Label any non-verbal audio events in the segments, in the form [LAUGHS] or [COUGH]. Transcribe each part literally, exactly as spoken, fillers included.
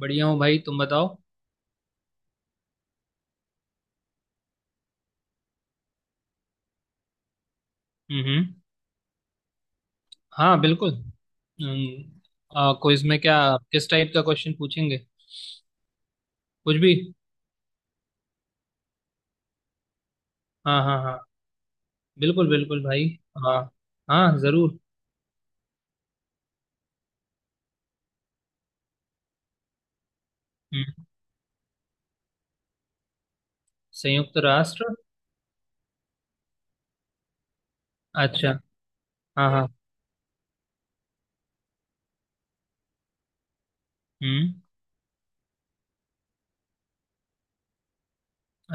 बढ़िया हूँ भाई तुम बताओ। हम्म। हाँ बिल्कुल। हम्म, आ, क्विज में क्या, किस टाइप का क्वेश्चन पूछेंगे? कुछ भी। हाँ हाँ हाँ। बिल्कुल बिल्कुल भाई। हाँ। हाँ जरूर। हम्म संयुक्त राष्ट्र। अच्छा। हाँ हाँ। हम्म।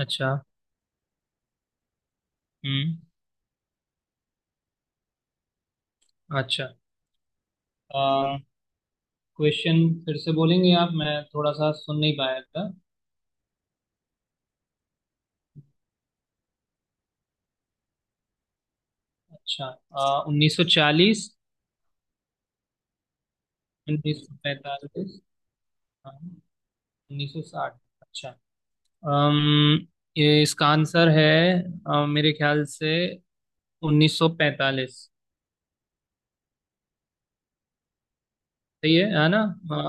अच्छा। हम्म। अच्छा। आ, क्वेश्चन फिर से बोलेंगे आप, मैं थोड़ा सा सुन नहीं पाया था। अच्छा। आ, उन्नीस सौ चालीस, उन्नीस सौ पैंतालीस, हाँ, उन्नीस सौ साठ। अम, ये इसका आंसर है। अम, मेरे ख्याल से उन्नीस सौ पैंतालीस। सही है है ना? हाँ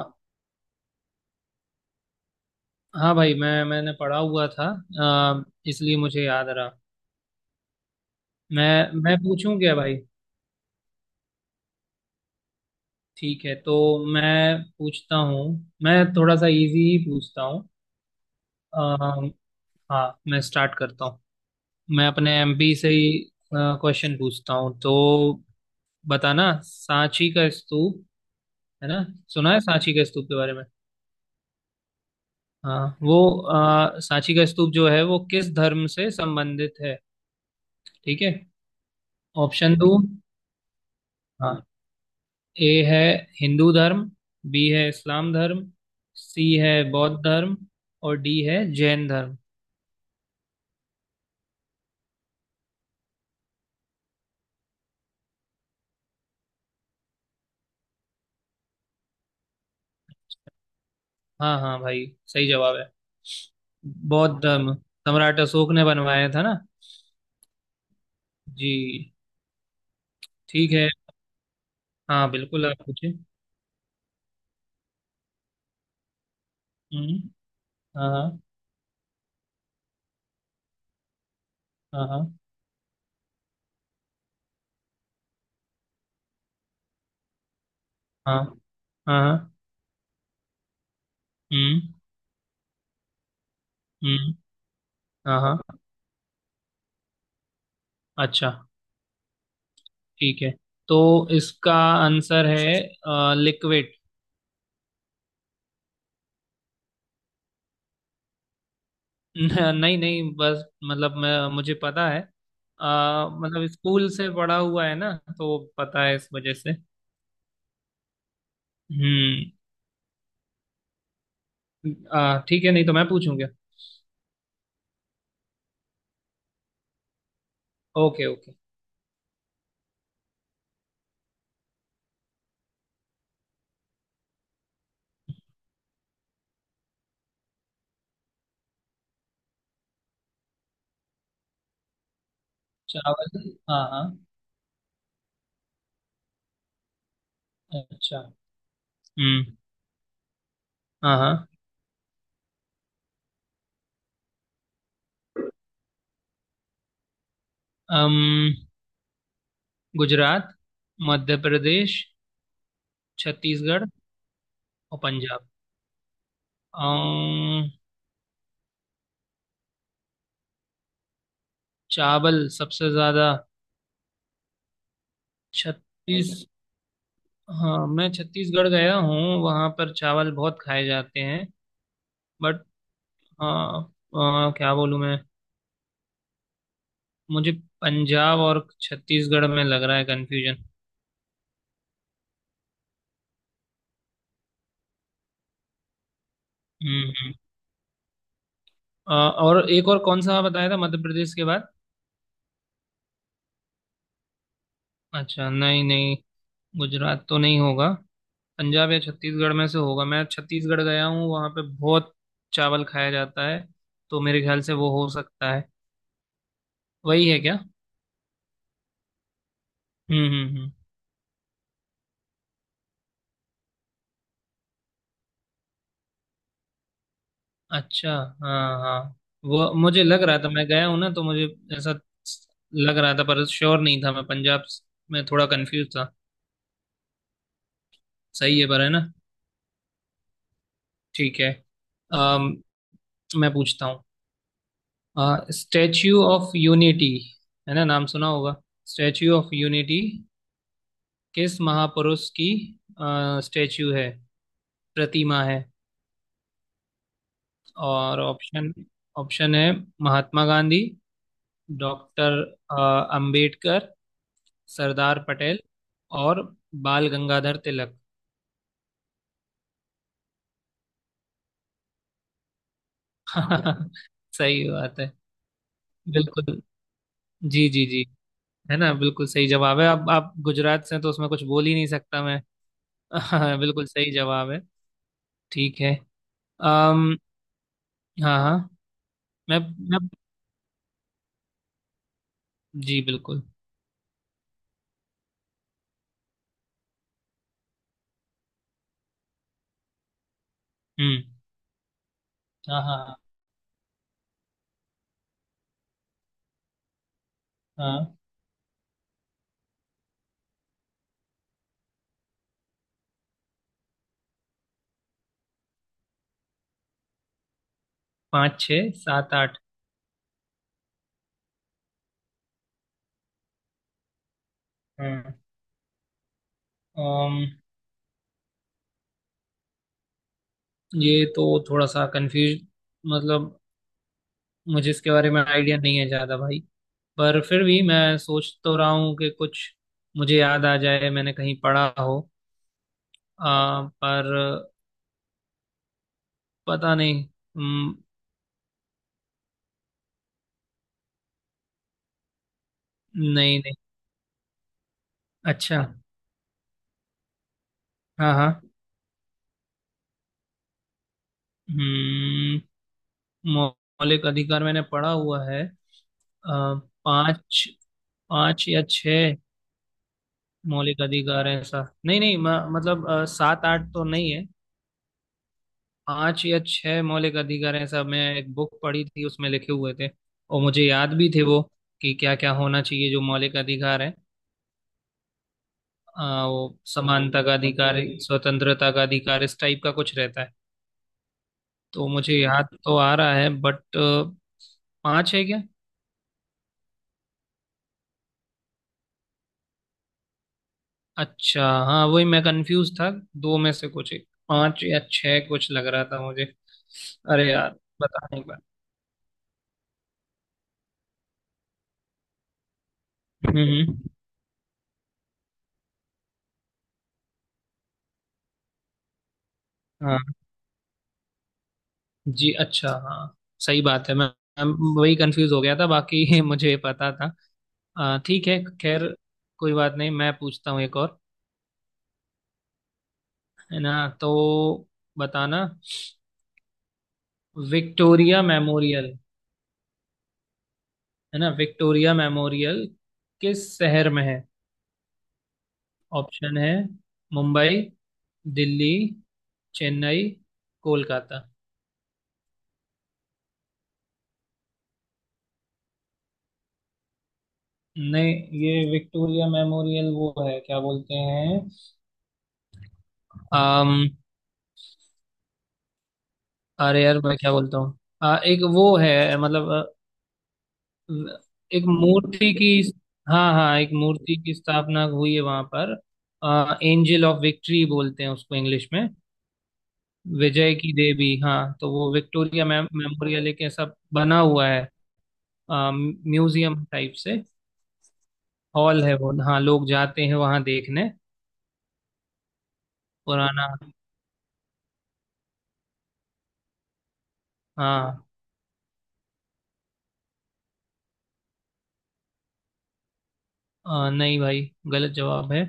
हाँ भाई, मैं मैंने पढ़ा हुआ था। अम, इसलिए मुझे याद रहा। मैं मैं पूछूं क्या भाई? ठीक है तो मैं पूछता हूँ। मैं थोड़ा सा इजी ही पूछता हूँ। अम, हाँ मैं स्टार्ट करता हूँ। मैं अपने एम पी से ही क्वेश्चन पूछता हूँ, तो बताना सांची का स्तूप, है ना, सुना है सांची के स्तूप के बारे में। हाँ वो अ, सांची का स्तूप जो है वो किस धर्म से संबंधित है? ठीक है। ऑप्शन दो। हाँ। ए है हिंदू धर्म। बी है इस्लाम धर्म। सी है बौद्ध धर्म। और डी है जैन धर्म। हाँ हाँ भाई सही जवाब है। बौद्ध धर्म, सम्राट अशोक ने बनवाया था ना। जी। ठीक है। हाँ बिल्कुल आप पूछिए। हम्म। हाँ हाँ हाँ हाँ हाँ। हाँ। हम्म हम्म। हाँ हाँ। अच्छा। ठीक है तो इसका आंसर है लिक्विड। [LAUGHS] नहीं नहीं, बस मतलब मैं मुझे पता है। अ, मतलब स्कूल से पढ़ा हुआ है ना, तो पता है इस वजह से। हम्म अ, ठीक है, नहीं तो मैं पूछूंगा। Okay okay. चावल हाँ हाँ। अच्छा। हम्म। हाँ हाँ। अम, गुजरात, मध्य प्रदेश, छत्तीसगढ़ और पंजाब। अम, चावल सबसे ज्यादा। छत्तीस हाँ मैं छत्तीसगढ़ गया हूँ, वहाँ पर चावल बहुत खाए जाते हैं। बट हाँ। आ, क्या बोलूँ मैं? मुझे पंजाब और छत्तीसगढ़ में लग रहा है कंफ्यूजन। हम्म हम्म। आ, और एक और कौन सा बताया था मध्य प्रदेश के बाद? अच्छा नहीं नहीं, गुजरात तो नहीं होगा। पंजाब या छत्तीसगढ़ में से होगा। मैं छत्तीसगढ़ गया हूँ, वहाँ पे बहुत चावल खाया जाता है, तो मेरे ख्याल से वो हो सकता है। वही है क्या? हम्म हम्म हम्म। अच्छा। हाँ हाँ। वो मुझे लग रहा था, मैं गया हूँ ना तो मुझे ऐसा लग रहा था, पर श्योर नहीं था। मैं पंजाब में थोड़ा कंफ्यूज था। सही है पर, है ना? ठीक है। अम, मैं पूछता हूँ स्टैच्यू ऑफ यूनिटी, है ना, नाम सुना होगा। स्टैच्यू ऑफ यूनिटी किस महापुरुष की स्टैच्यू है, प्रतिमा है? और ऑप्शन ऑप्शन है महात्मा गांधी, डॉक्टर अंबेडकर, सरदार पटेल, और बाल गंगाधर तिलक। [LAUGHS] सही बात है। बिल्कुल। जी जी जी। है ना, बिल्कुल सही जवाब है। अब आप गुजरात से हैं, तो उसमें कुछ बोल ही नहीं सकता मैं। [LAUGHS] हाँ, बिल्कुल सही जवाब है। ठीक है। अम हाँ हाँ। मैं मैं जी बिल्कुल। हम्म। हाँ हाँ हाँ। पाँच छः सात आठ। हाँ। अम ये तो थोड़ा सा कंफ्यूज, मतलब मुझे इसके बारे में आइडिया नहीं है ज़्यादा भाई। पर फिर भी मैं सोच तो रहा हूँ कि कुछ मुझे याद आ जाए, मैंने कहीं पढ़ा हो। आ, पर पता नहीं। हम्म। नहीं नहीं। अच्छा। हाँ हाँ। हम्म, मौलिक अधिकार मैंने पढ़ा हुआ है। आ, पाँच पाँच या छह मौलिक अधिकार है ऐसा, नहीं नहीं। म, मतलब अ, सात आठ तो नहीं है। पांच या छह मौलिक अधिकार हैं ऐसा। मैं एक बुक पढ़ी थी, उसमें लिखे हुए थे और मुझे याद भी थे वो, कि क्या क्या होना चाहिए जो मौलिक अधिकार है। आ, वो समानता का अधिकार, स्वतंत्रता का अधिकार, इस टाइप का कुछ रहता है। तो मुझे याद तो आ रहा है बट, पांच है क्या? अच्छा हाँ, वही मैं कंफ्यूज था। दो में से कुछ एक, पांच या छह कुछ लग रहा था मुझे। अरे यार, बता नहीं पा। हम्म हम्म। हाँ। जी, अच्छा हाँ, सही बात है। मैं मैं वही कंफ्यूज हो गया था, बाकी [LAUGHS] मुझे पता था। अ, ठीक है, खैर कोई बात नहीं। मैं पूछता हूँ एक और, है ना? तो बताना विक्टोरिया मेमोरियल, है ना, विक्टोरिया मेमोरियल किस शहर में है? ऑप्शन है मुंबई, दिल्ली, चेन्नई, कोलकाता। नहीं, ये विक्टोरिया मेमोरियल वो है, क्या बोलते हैं। अरे यार, मैं क्या बोलता हूँ, आ, एक वो है मतलब अ, एक मूर्ति की। हाँ हाँ, एक मूर्ति की स्थापना हुई है वहां पर। एंजल ऑफ विक्ट्री बोलते हैं उसको इंग्लिश में, विजय की देवी। हाँ तो वो विक्टोरिया मेम, मेमोरियल, एक ऐसा बना हुआ है। आ, म्यूजियम टाइप से हॉल है वो। हाँ लोग जाते हैं वहाँ देखने। पुराना। हाँ। आ, नहीं भाई, गलत जवाब है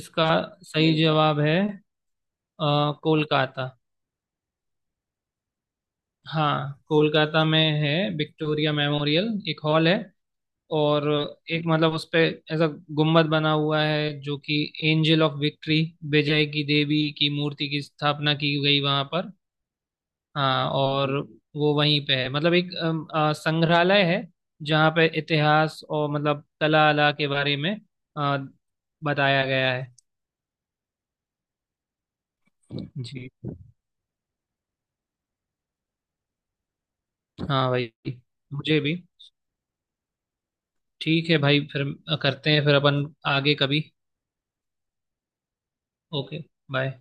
इसका। सही जवाब है आ, कोलकाता। हाँ कोलकाता में है विक्टोरिया मेमोरियल, एक हॉल है। और एक मतलब उस पे ऐसा गुम्बद बना हुआ है जो कि एंजल ऑफ विक्ट्री, विजय की देवी की मूर्ति की स्थापना की गई वहां पर। हाँ, और वो वहीं पे है, मतलब एक अम, अ, संग्रहालय है, जहाँ पे इतिहास और मतलब कला अला के बारे में अ, बताया गया है। जी। हाँ भाई, मुझे भी। ठीक है भाई, फिर करते हैं फिर अपन आगे कभी। ओके। बाय।